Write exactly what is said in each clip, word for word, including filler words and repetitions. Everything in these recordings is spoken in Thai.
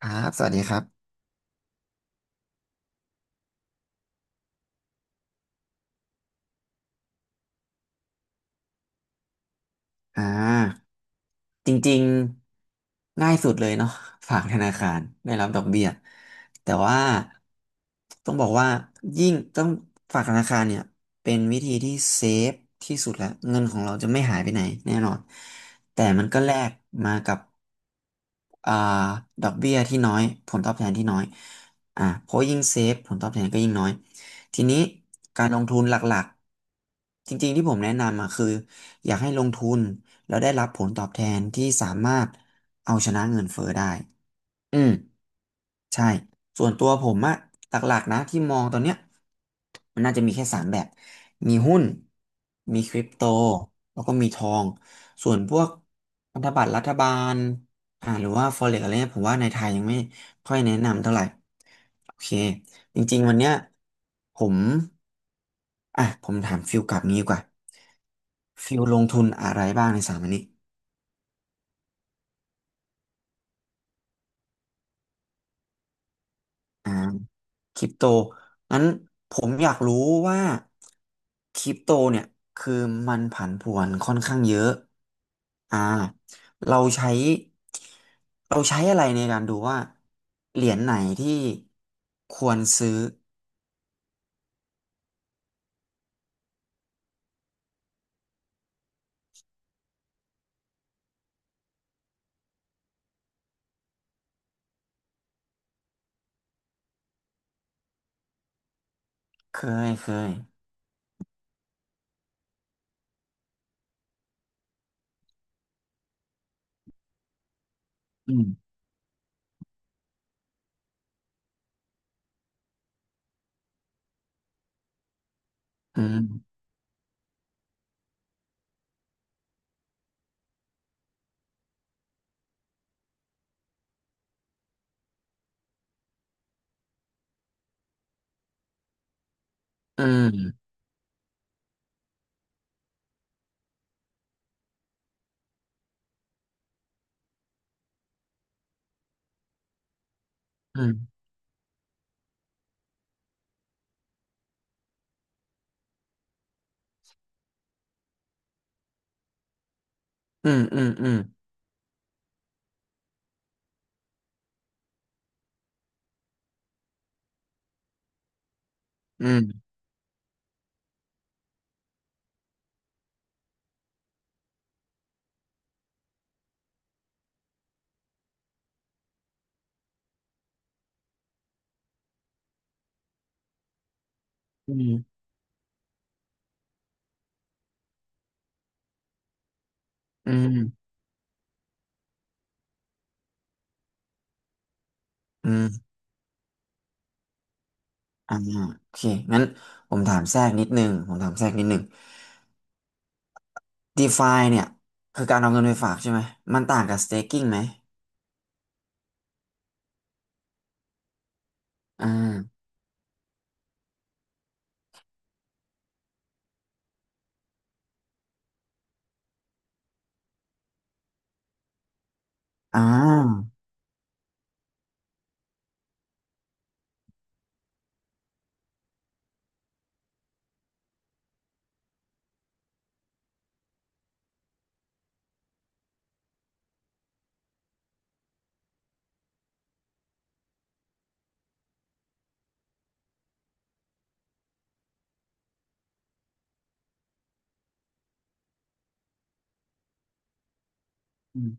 ครับ สวัสดีครับอ่าจริงๆ ง่ายสุดเลยเนาะฝากธนาคาร ได้รับดอกเบี้ยแต่ว่า ต้องบอกว่า ยิ่งต้องฝากธนาคารเนี่ย เป็นวิธีที่เซฟที่สุดแล้ว เงินของเราจะไม่หายไปไหนแน่นอน แต่มันก็แลกมากับ อ่าดอกเบี้ยที่น้อยผลตอบแทนที่น้อยอ่าเพราะยิ่งเซฟผลตอบแทนก็ยิ่งน้อยทีนี้การลงทุนหลักๆจริงๆที่ผมแนะนำอ่ะคืออยากให้ลงทุนแล้วได้รับผลตอบแทนที่สามารถเอาชนะเงินเฟ้อได้อืม ใช่ ส่วนตัวผมอะหลักๆนะที่มองตอนเนี้ยมันน่าจะมีแค่สามแบบ มีหุ้น มีคริปโต แล้วก็มีทอง ส่วนพวกพันธบัตรรัฐบาลอ่าหรือว่า โฟเร็กซ์ อะไรเนี่ยผมว่าในไทยยังไม่ค่อยแนะนำเท่าไหร่ โอเค จริงๆวันเนี้ยผม อ่ะ ผมถามฟิลกลับนี้ดีกว่า ฟิลลงทุนอะไรบ้างในสามอันนี้ อ่าคริปโตงั้นผมอยากรู้ว่าคริปโตเนี่ยคือมันผันผวนค่อนข้างเยอะอ่าเราใช้เราใช้อะไรในการดูว่าเหรียญไหนที่ควรซื้อเคยเคยอืมอืมอืมอืมอืมอืมอืมอืมอืมอืมอืมอ่าโอเคงั้นผมถามแทรกนิดนึงผมถามแทรกนิดนึง ดีฟาย เนี่ยคือการเอาเงินไปฝากใช่ไหมมันต่างกับ สเตกกิ้ง ไหมอ่าอ่าอืม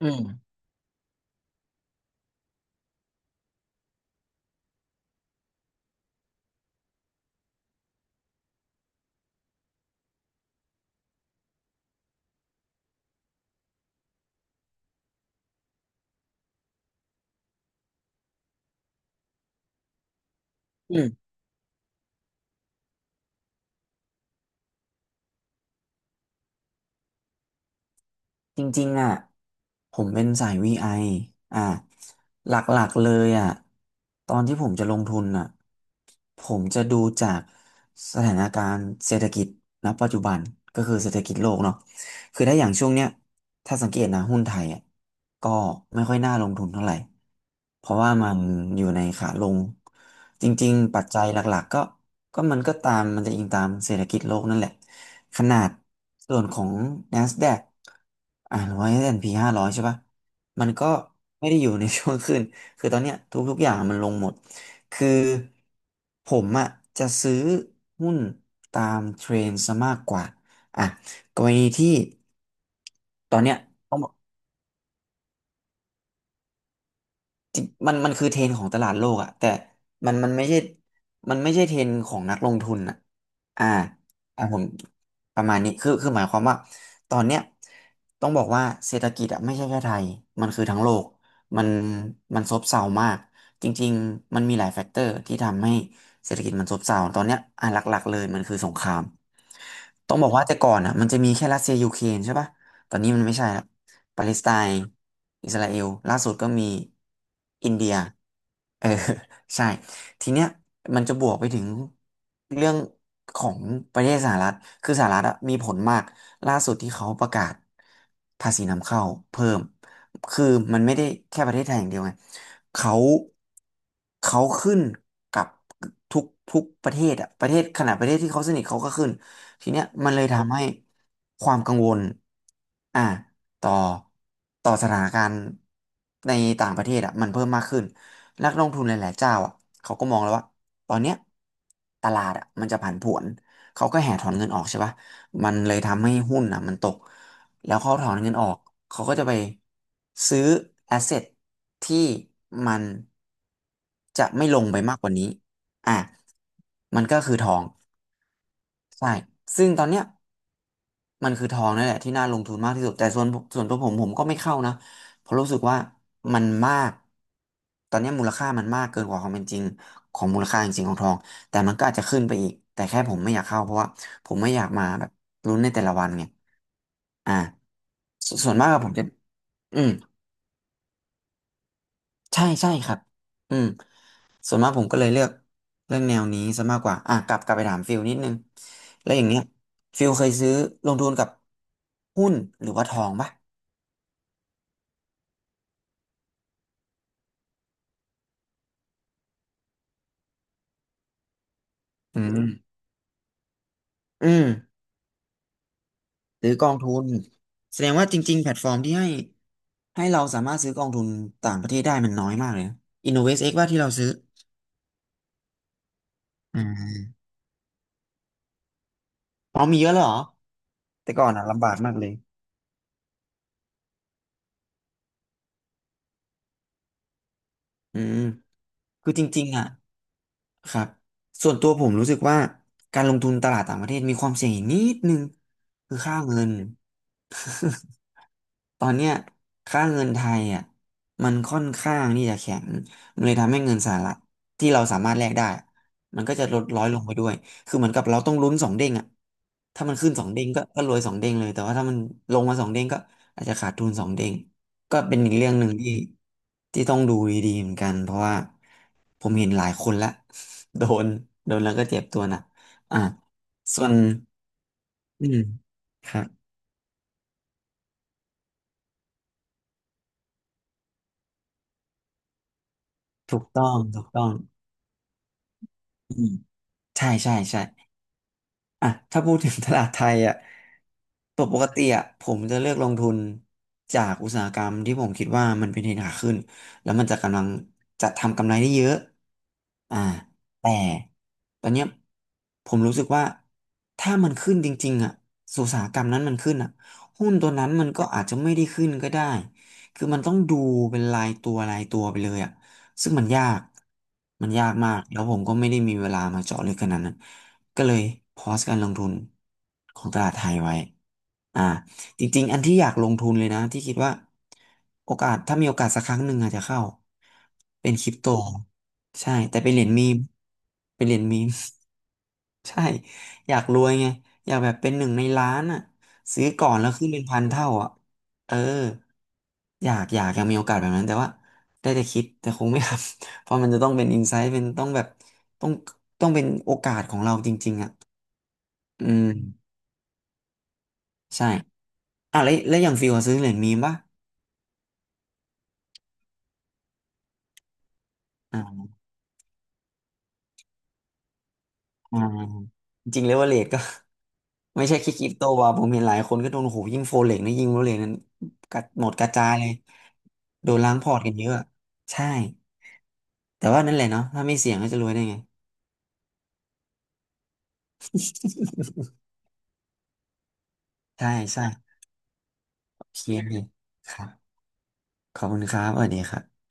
อืมอืม จริงๆอ่ะผมเป็นสาย วี ไอ ออ่ะหลักๆเลยอ่ะตอนที่ผมจะลงทุนอ่ะผมจะดูจากสถานการณ์เศรษฐกิจณปัจจุบันก็คือเศรษฐกิจโลกเนาะคือถ้าอย่างช่วงเนี้ยถ้าสังเกตนะหุ้นไทยอ่ะก็ไม่ค่อยน่าลงทุนเท่าไหร่เพราะว่ามันอยู่ในขาลงจริงๆปัจจัยหลักๆก็ก็มันก็ตามมันจะอิงตามเศรษฐกิจโลกนั่นแหละ ขนาดส่วนของ แนสแด็ก อ่าหรือว่า เอส แอนด์ พี ห้าร้อยใช่ปะมันก็ไม่ได้อยู่ในช่วงขึ้น คือตอนเนี้ยทุกๆอย่างมันลงหมดคือผมอะจะซื้อหุ้นตามเทรนด์ซะมากกว่าอ่ะกรณีที่ตอนเนี้ยต้องบอก จริงมันมันคือเทรนด์ของตลาดโลกอะแต่มันมันไม่ใช่มันไม่ใช่เทรนด์ของนักลงทุนอะอ่าอ่าผมประมาณนี้คือคือหมายความว่าตอนเนี้ยต้องบอกว่าเศรษฐกิจอะไม่ใช่แค่ไทยมันคือทั้งโลกมันมันซบเซามากจริงๆมันมีหลายแฟกเตอร์ที่ทำให้เศรษฐกิจมันซบเซาตอนเนี้ยอ่ะหลักๆเลยมันคือสงครามต้องบอกว่าแต่ก่อนอะมันจะมีแค่รัสเซียยูเครนใช่ปะ ตอนนี้มันไม่ใช่ละปาเลสไตน์อิสราเอลล่าสุดก็มีอินเดียเออ ใช่ทีเนี้ยมันจะบวกไปถึงเรื่องของประเทศสหรัฐคือสหรัฐอะมีผลมากล่าสุดที่เขาประกาศภาษีนำเข้าเพิ่มคือมันไม่ได้แค่ประเทศไทยอย่างเดียวไงเขาเขาขึ้นกับทุกทุกประเทศอะประเทศขนาดประเทศที่เขาสนิทเขาก็ขึ้น ทีเนี้ยมันเลยทำให้ความกังวลอ่าต่อต่อสถานการณ์ในต่างประเทศอ่ะมันเพิ่มมากขึ้นนักลงทุนหลายๆเจ้าอ่ะเขาก็มองแล้วว่าตอนเนี้ยตลาดอ่ะมันจะผันผวนเขาก็แห่ถอนเงินออกใช่ปะมันเลยทำให้หุ้นอ่ะมันตกแล้วเขาถอนเงินออกเขาก็จะไปซื้อแอสเซทที่มันจะไม่ลงไปมากกว่านี้อ่ะมันก็คือทองใช่ซึ่งตอนเนี้ย มันคือทองนั่นแหละที่น่าลงทุนมากที่สุดแต่ส่วนส่วนตัวผมผมก็ไม่เข้านะเพราะรู้สึกว่ามันมากตอนนี้มูลค่ามันมากเกินกว่าความเป็นจริงของมูลค่าจริงๆของทองแต่มันก็อาจจะขึ้นไปอีกแต่แค่ผมไม่อยากเข้าเพราะว่าผมไม่อยากมาแบบลุ้นในแต่ละวันไงอ่าสส่วนมากอะผมจะอืมใช่ใช่ครับอืมส่วนมากผมก็เลยเลือกเรื่องแนวนี้ซะมากกว่าอ่ะกลับกลับไปถามฟิลนิดนึงแล้วอย่างเงี้ยฟิลเคยซื้อลงทุนกับหุ้นหรือว่าทองปะ อืมอืมหรือกองทุนแสดงว่าจริงๆแพลตฟอร์มที่ให้ให้เราสามารถซื้อกองทุนต่างประเทศได้มันน้อยมากเลยนะ i n n o v ็กซ x ว่าที่เราซื้ออืมอ๋อมีเยอะเลยเหรอแต่ก่อนอ่ะลำบากมากเลยอืมคือจริงๆอ่ะครับส่วนตัวผมรู้สึกว่าการลงทุนตลาดต่างประเทศมีความเสี่ยงอีกนิดนึงคือค่าเงิน ตอนเนี้ยค่าเงินไทยอ่ะมันค่อนข้างที่จะแข็งมันเลยทำให้เงินสหรัฐที่เราสามารถแลกได้มันก็จะลดร้อยลงไปด้วยคือเหมือนกับเราต้องลุ้นสองเด้งอ่ะถ้ามันขึ้นสองเด้งก็ก็รวยสองเด้งเลยแต่ว่าถ้ามันลงมาสองเด้งก็อาจจะขาดทุนสองเด้งก็เป็นอีกเรื่องหนึ่งที่ที่ต้องดูดีๆเหมือนกันเพราะว่าผมเห็นหลายคนละ โดนโดนแล้วก็เจ็บตัวหนะอ่ะส่วนอืมครับถูกต้องถูกต้องอืม ใช่ใช่ใช่อ่ะถ้าพูดถึงตลาดไทยอ่ะปกปกติอ่ะผมจะเลือกลงทุนจากอุตสาหกรรมที่ผมคิดว่ามันเป็นเทรนด์ขาขึ้นแล้วมันจะกำลังจะทำกำไรได้เยอะอ่าแต่ตอนเนี้ยผมรู้สึกว่าถ้ามันขึ้นจริงๆอ่ะอุตสาหกรรมนั้นมันขึ้นอ่ะหุ้นตัวนั้นมันก็อาจจะไม่ได้ขึ้นก็ได้คือมันต้องดูเป็นรายตัวรายตัวไปเลยอ่ะ ซึ่งมันยาก มันยากมากแล้วผมก็ไม่ได้มีเวลามาเจาะลึกขนาดนั้น ก็เลยพอสการลงทุนของตลาดไทยไว้ อ่าจริงๆอันที่อยากลงทุนเลยนะ ที่คิดว่าโอกาส ถ้ามีโอกาสสักครั้งหนึ่งอาจจะเข้า เป็นคริปโต ใช่ แต่เป็นเหรียญมีม เป็นเหรียญมีม ใช่อยากรวยไงอยากแบบเป็นหนึ่งในล้านอ่ะซื้อก่อนแล้วขึ้นเป็นพันเท่าอ่ะเอออยากอยากยังมีโอกาสแบบนั้นแต่ว่าได้แต่คิดแต่คงไม่ทำ เพราะมันจะต้องเป็นอินไซต์เป็นต้องแบบต้องต้องเป็นโอกาสของเราจริงๆอ่ะอืมใช่อ่ะแล้วแล้วอย่างฟิวอะซื้อเหรียญมีมป่ะอ่าอ่าจริงเลเวอเรจก็ ไม่ใช่แค่คริปโตว่ะผมเห็นหลายคนก็โดนโอ้โหยิ่งโฟเล็กนี่ยิ่งโฟเล็กนั้นกัดหมดกระจายเลยโดนล้างพอร์ตกันเยอะใช่แต่ว่านั่นแหละเนาะถ้าไม่เสี่ยงก็จะรวยได้ไง ใช่ใช่โอเคครับขอบคุณครับสวัสดีครับ